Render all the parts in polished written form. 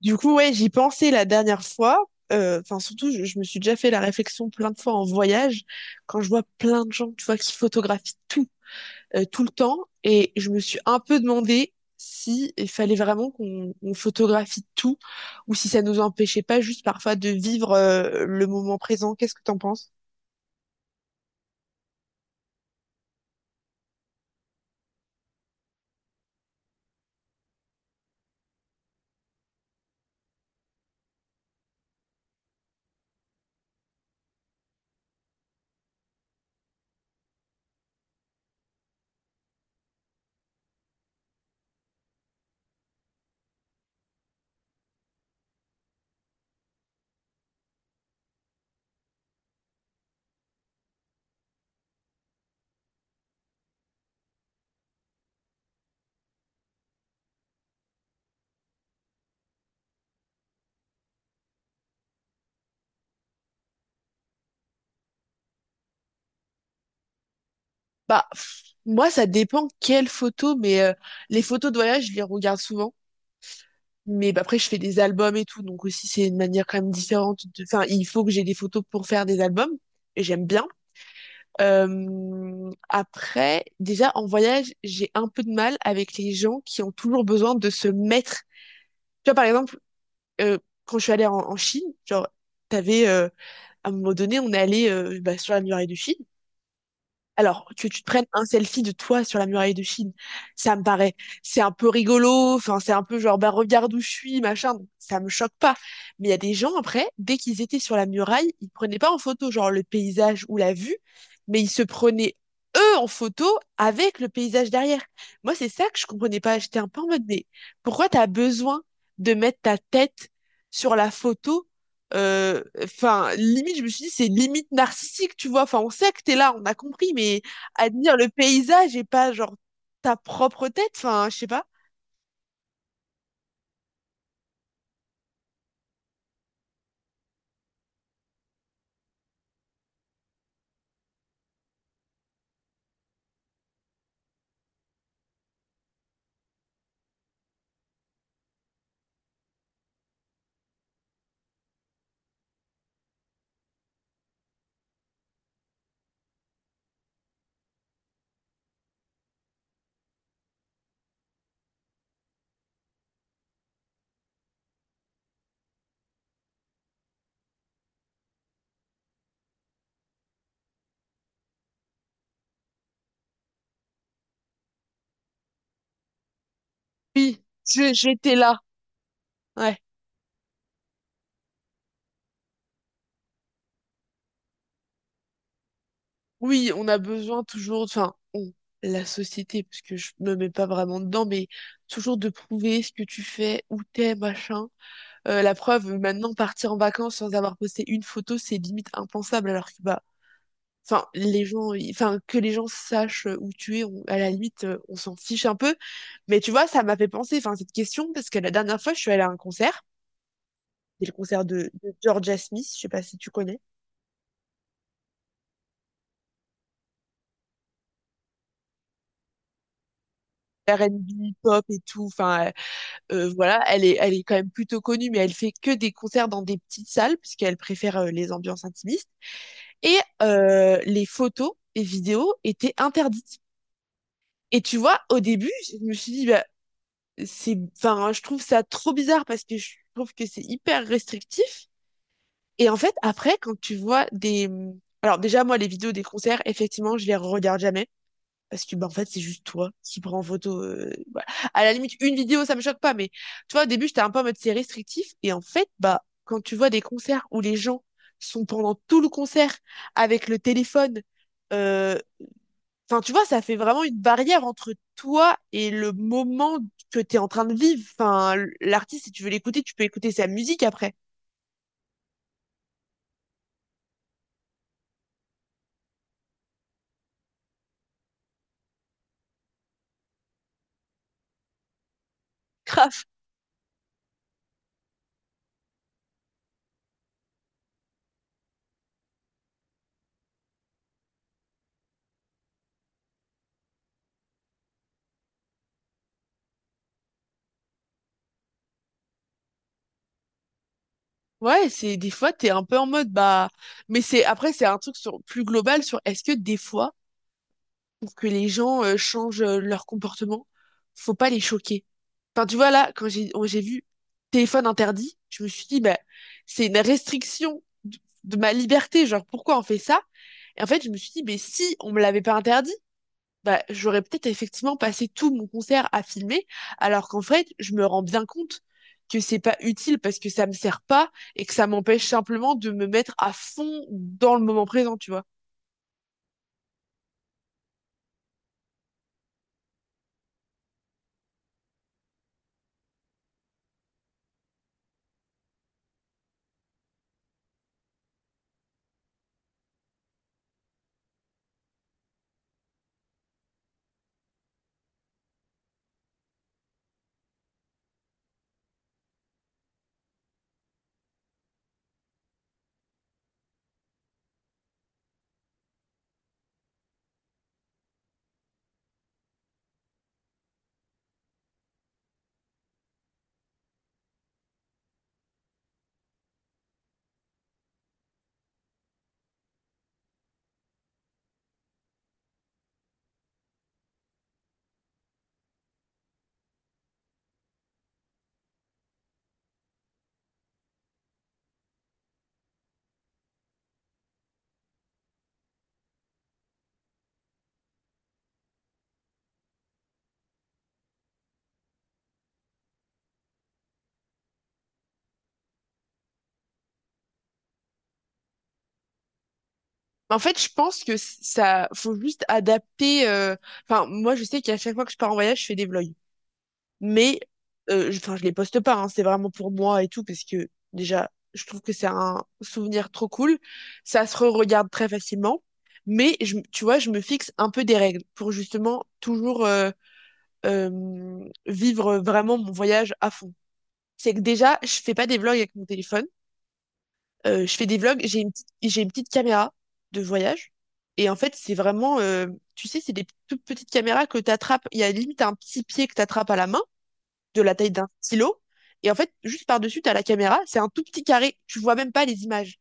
Du coup, ouais, j'y pensais la dernière fois. Enfin, surtout, je me suis déjà fait la réflexion plein de fois en voyage, quand je vois plein de gens, tu vois, qui photographient tout, tout le temps. Et je me suis un peu demandé si il fallait vraiment qu'on on photographie tout, ou si ça nous empêchait pas juste parfois de vivre le moment présent. Qu'est-ce que t'en penses? Bah, pff, moi, ça dépend quelles photos, mais les photos de voyage, je les regarde souvent. Mais bah, après, je fais des albums et tout, donc aussi c'est une manière quand même différente. De... Enfin, il faut que j'ai des photos pour faire des albums, et j'aime bien. Après, déjà en voyage, j'ai un peu de mal avec les gens qui ont toujours besoin de se mettre. Tu vois, par exemple, euh, quand je suis allée en Chine, genre, t'avais à un moment donné, on est allé bah, sur la muraille de Chine. Alors, que tu te prennes un selfie de toi sur la muraille de Chine, ça me paraît, c'est un peu rigolo, enfin, c'est un peu genre, bah, regarde où je suis, machin, donc ça me choque pas. Mais il y a des gens, après, dès qu'ils étaient sur la muraille, ils prenaient pas en photo, genre, le paysage ou la vue, mais ils se prenaient, eux, en photo avec le paysage derrière. Moi, c'est ça que je comprenais pas. J'étais un peu en mode, mais pourquoi t'as besoin de mettre ta tête sur la photo Enfin, limite, je me suis dit, c'est limite narcissique, tu vois. Enfin, on sait que t'es là, on a compris, mais admire le paysage et pas genre ta propre tête. Enfin, je sais pas. Oui, j'étais là. Ouais. Oui, on a besoin toujours, enfin, on, la société, parce que je me mets pas vraiment dedans, mais toujours de prouver ce que tu fais, où t'es, machin. La preuve, maintenant, partir en vacances sans avoir posté une photo, c'est limite impensable, alors que bah enfin les enfin que les gens sachent où tu es à la limite on s'en fiche un peu mais tu vois ça m'a fait penser enfin cette question parce que la dernière fois je suis allée à un concert c'est le concert de Georgia Smith, je sais pas si tu connais. R&B pop et tout enfin voilà elle est quand même plutôt connue mais elle fait que des concerts dans des petites salles puisqu'elle préfère les ambiances intimistes et les photos et vidéos étaient interdites et tu vois au début je me suis dit bah, c'est, enfin, je trouve ça trop bizarre parce que je trouve que c'est hyper restrictif. Et en fait, après, quand tu vois des, alors déjà, moi, les vidéos des concerts, effectivement, je les regarde jamais. Parce que, bah, en fait, c'est juste toi qui prends en photo. Voilà. À la limite, une vidéo, ça me choque pas. Mais tu vois, au début, j'étais un peu en mode c'est restrictif. Et en fait, bah, quand tu vois des concerts où les gens sont pendant tout le concert avec le téléphone, euh, Enfin, tu vois, ça fait vraiment une barrière entre toi et le moment que t'es en train de vivre. Enfin, l'artiste, si tu veux l'écouter, tu peux écouter sa musique après. Grave. Ouais, c'est des fois, t'es un peu en mode, bah, mais c'est après, c'est un truc sur, plus global sur est-ce que des fois, pour que les gens changent leur comportement, faut pas les choquer. Enfin, tu vois, là, quand j'ai oh, j'ai vu téléphone interdit, je me suis dit, bah, c'est une restriction de ma liberté. Genre, pourquoi on fait ça? Et en fait, je me suis dit, mais si on me l'avait pas interdit, bah, j'aurais peut-être effectivement passé tout mon concert à filmer, alors qu'en fait, je me rends bien compte que c'est pas utile parce que ça me sert pas et que ça m'empêche simplement de me mettre à fond dans le moment présent, tu vois. En fait, je pense que ça, faut juste adapter. Enfin, moi, je sais qu'à chaque fois que je pars en voyage, je fais des vlogs. Mais enfin, je les poste pas, hein, c'est vraiment pour moi et tout, parce que déjà, je trouve que c'est un souvenir trop cool. Ça se re-regarde très facilement. Mais je, tu vois, je me fixe un peu des règles pour justement toujours euh, vivre vraiment mon voyage à fond. C'est que déjà, je fais pas des vlogs avec mon téléphone. Je fais des vlogs, j'ai une petite caméra de voyage. Et en fait, c'est vraiment, tu sais, c'est des toutes petites caméras que tu attrapes. Il y a limite un petit pied que tu attrapes à la main de la taille d'un stylo. Et en fait, juste par-dessus, t'as la caméra, c'est un tout petit carré. Tu vois même pas les images.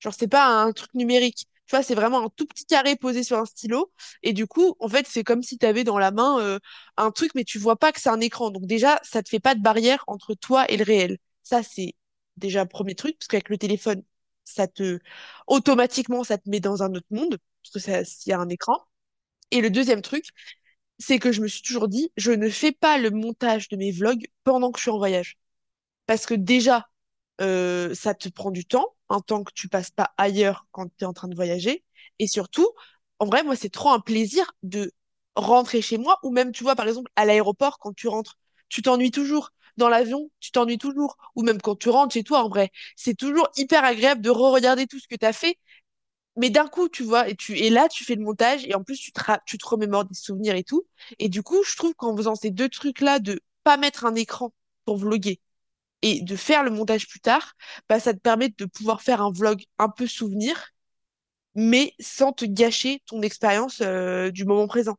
Genre, c'est pas un truc numérique. Tu vois, c'est vraiment un tout petit carré posé sur un stylo. Et du coup, en fait, c'est comme si t'avais dans la main un truc, mais tu vois pas que c'est un écran. Donc déjà, ça te fait pas de barrière entre toi et le réel. Ça, c'est déjà un premier truc, parce qu'avec le téléphone, ça te automatiquement, ça te met dans un autre monde, parce que ça, s'il y a un écran. Et le deuxième truc, c'est que je me suis toujours dit, je ne fais pas le montage de mes vlogs pendant que je suis en voyage. Parce que déjà, ça te prend du temps, un temps que tu passes pas ailleurs quand tu es en train de voyager. Et surtout, en vrai, moi, c'est trop un plaisir de rentrer chez moi, ou même, tu vois, par exemple, à l'aéroport, quand tu rentres, tu t'ennuies toujours. Dans l'avion, tu t'ennuies toujours. Ou même quand tu rentres chez toi, en vrai. C'est toujours hyper agréable de re-regarder tout ce que tu as fait mais d'un coup, tu vois, et là, tu fais le montage et en plus, tu te remémores des souvenirs et tout. Et du coup, je trouve qu'en faisant ces deux trucs-là, de pas mettre un écran pour vloguer et de faire le montage plus tard, bah, ça te permet de pouvoir faire un vlog un peu souvenir, mais sans te gâcher ton expérience du moment présent.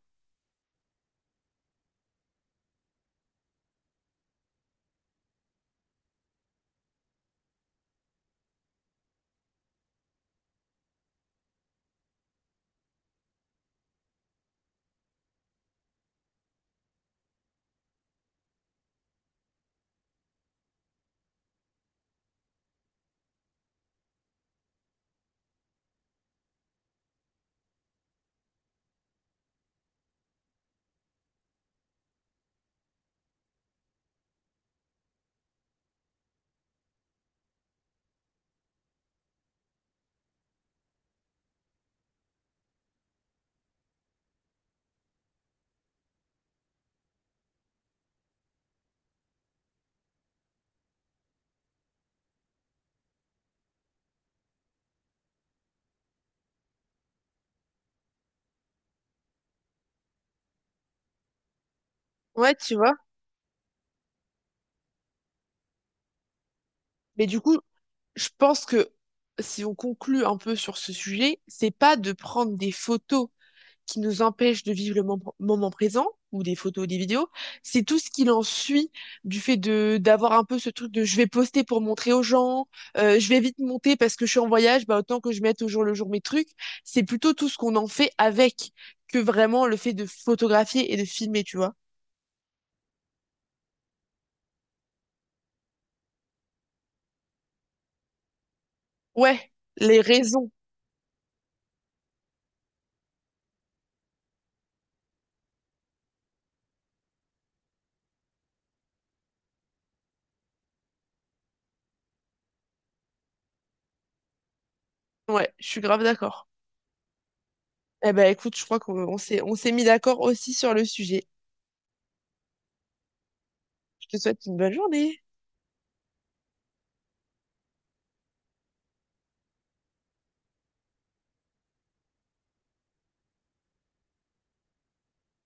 Ouais, tu vois. Mais du coup, je pense que si on conclut un peu sur ce sujet, c'est pas de prendre des photos qui nous empêche de vivre le moment présent, ou des photos, ou des vidéos, c'est tout ce qu'il en suit du fait de d'avoir un peu ce truc de je vais poster pour montrer aux gens, je vais vite monter parce que je suis en voyage, bah autant que je mette au jour le jour mes trucs. C'est plutôt tout ce qu'on en fait avec que vraiment le fait de photographier et de filmer, tu vois. Ouais, les raisons. Ouais, je suis grave d'accord. Eh ben écoute, je crois qu'on on s'est mis d'accord aussi sur le sujet. Je te souhaite une bonne journée.